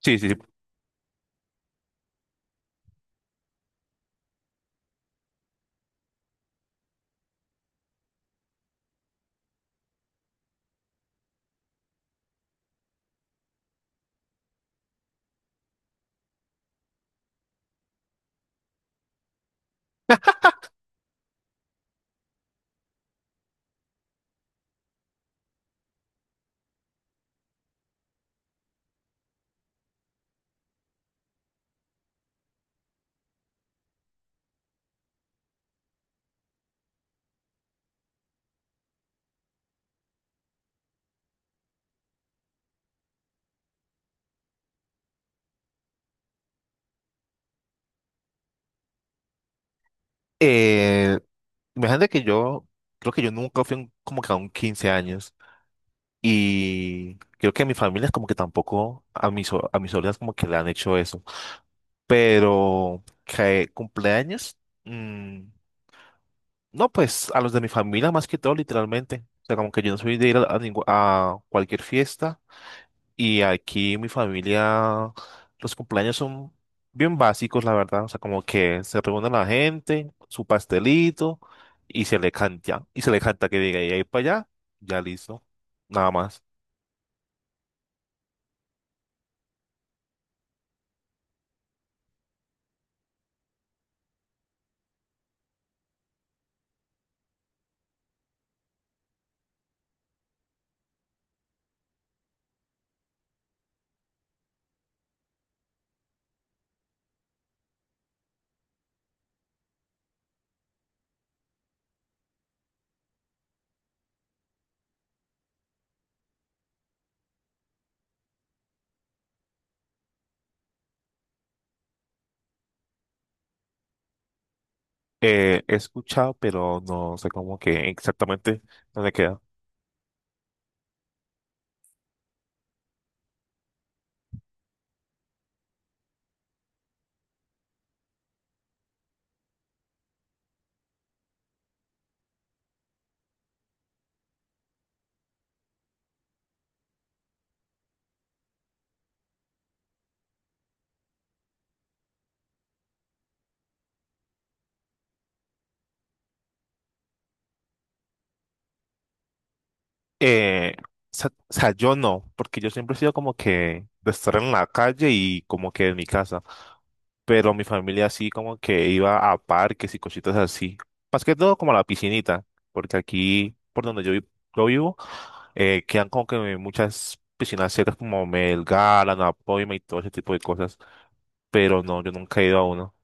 Sí, sí, sí. Eh, Imagínate que creo que yo nunca fui como que a un 15 años, y creo que a mi familia es como que tampoco a mis sobrinas como que le han hecho eso. Pero que cumpleaños, mm, no, pues a los de mi familia más que todo, literalmente. O sea, como que yo no soy de ir a cualquier fiesta. Y aquí mi familia, los cumpleaños son bien básicos, la verdad. O sea, como que se reúne la gente, su pastelito y se le canta. Y se le canta que diga, y ahí para allá, ya listo. Nada más. He escuchado, pero no sé cómo que exactamente dónde queda. Eh, o sea, yo no, porque yo siempre he sido como que de estar en la calle y como que en mi casa. Pero mi familia así como que iba a parques y cositas así. Más que todo como a la piscinita, porque aquí por donde yo vivo, quedan como que muchas piscinas cercas como Melgar, Anapoima y todo ese tipo de cosas, pero no, yo nunca he ido a uno.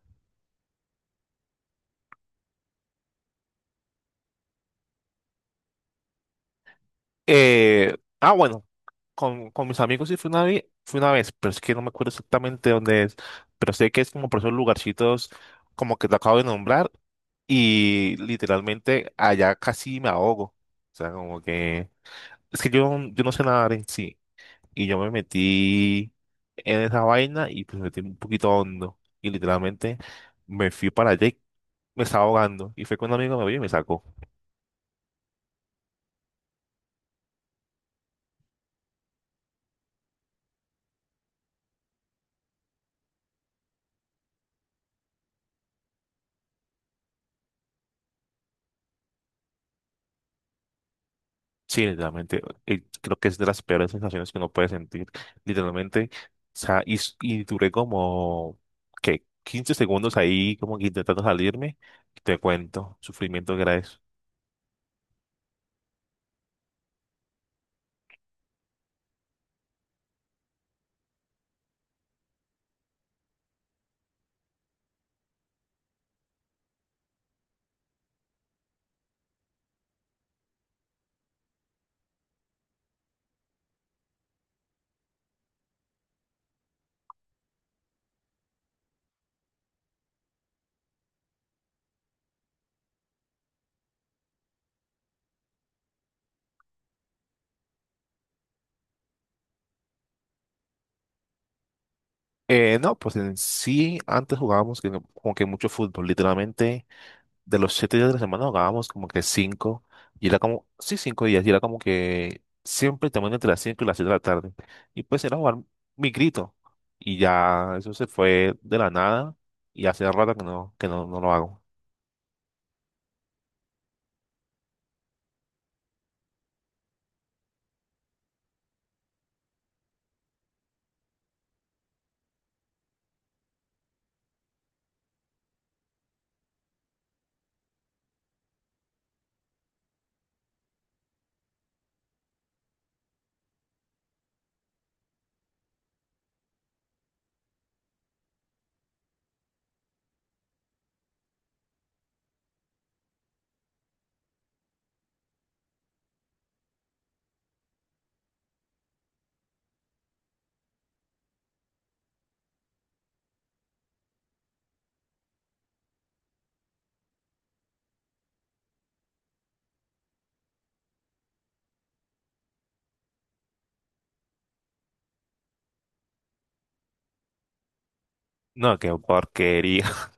Eh, bueno, con mis amigos sí fui una vez, pero es que no me acuerdo exactamente dónde es, pero sé que es como por esos lugarcitos como que te acabo de nombrar, y literalmente allá casi me ahogo. O sea, como que... Es que yo no sé nadar en sí. Y yo me metí en esa vaina y pues me metí un poquito hondo. Y literalmente me fui para allá y me estaba ahogando. Y fue cuando un amigo me vio y me sacó. Sí, literalmente. Creo que es de las peores sensaciones que uno puede sentir. Literalmente. O sea, y duré como, ¿qué? 15 segundos ahí como que intentando salirme. Te cuento, sufrimiento que era eso. No, pues en sí, antes jugábamos no, como que mucho fútbol, literalmente de los 7 días de la semana jugábamos como que cinco, y era como, sí, 5 días, y era como que siempre también entre las 5 y las 7 de la tarde. Y pues era jugar mi grito, y ya eso se fue de la nada, y hace rato que no, no lo hago. No, qué porquería.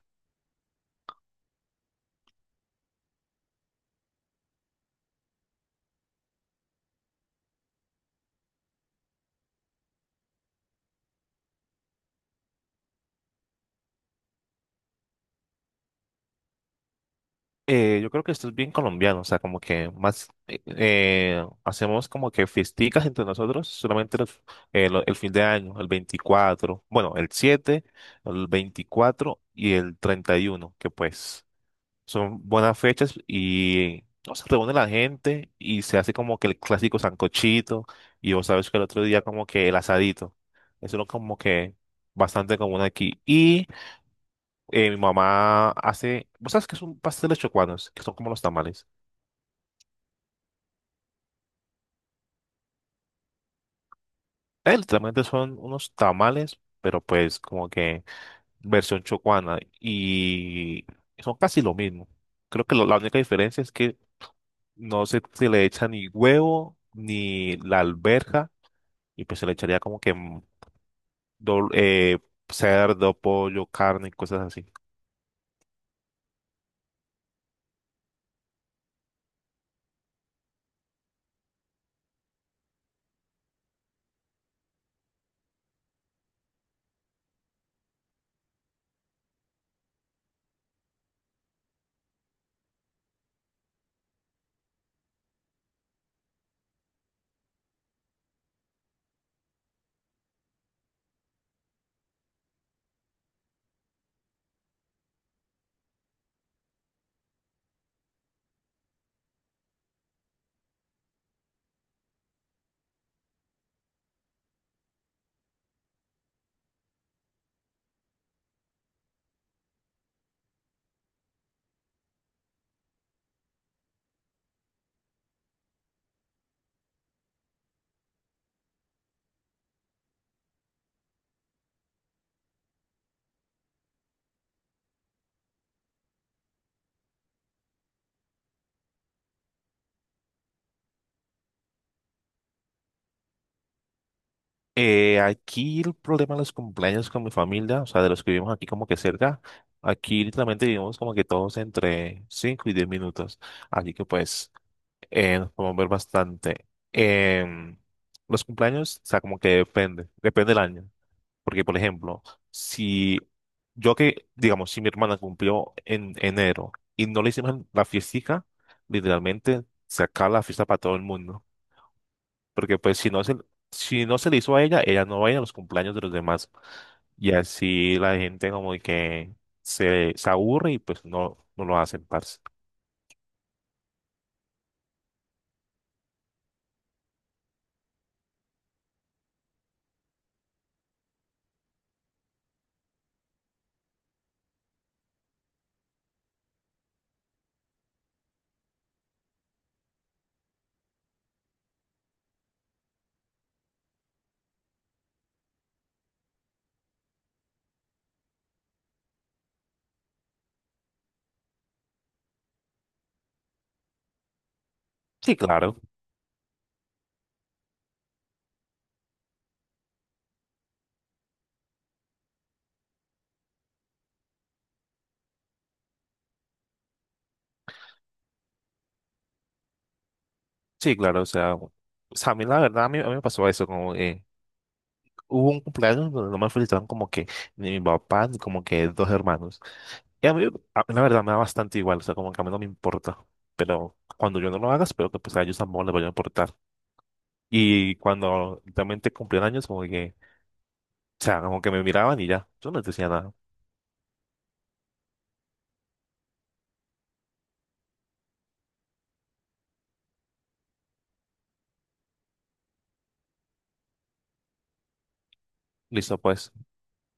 Yo creo que esto es bien colombiano, o sea, como que más hacemos como que fiesticas entre nosotros solamente el fin de año, el 24, bueno, el 7, el 24 y el 31, que pues son buenas fechas. Y no, se reúne la gente y se hace como que el clásico sancochito, y vos sabes que el otro día como que el asadito. Eso es como que bastante común aquí. Y mi mamá hace, vos sabes que son pasteles chocuanos, que son como los tamales. Literalmente son unos tamales, pero pues como que versión chocuana, y son casi lo mismo. Creo que la única diferencia es que no se, se le echa ni huevo ni la alberja, y pues se le echaría como que dol- eh, cerdo, pollo, carne y cosas así. Aquí el problema de los cumpleaños con mi familia, o sea, de los que vivimos aquí como que cerca, aquí literalmente vivimos como que todos entre 5 y 10 minutos, así que pues nos podemos ver bastante. Em, los cumpleaños, o sea, como que depende, depende del año. Porque, por ejemplo, si digamos, si mi hermana cumplió en enero y no le hicimos la fiestica, literalmente se acaba la fiesta para todo el mundo. Porque pues si no se le hizo a ella, ella no va a ir a los cumpleaños de los demás. Y así la gente como que se aburre y pues no lo hacen, parce. Sí, claro. Sí, claro. O sea, a mí la verdad, a mí me pasó eso, como que hubo un cumpleaños donde no me felicitaron como que ni mi papá, ni como que dos hermanos. Y a mí, la verdad, me da bastante igual, o sea, como que a mí no me importa, pero cuando yo no lo haga, espero que pues a ellos tampoco les vaya a importar. Y cuando realmente cumplían años, como que, o sea, como que me miraban y ya, yo no les decía nada. Listo, pues.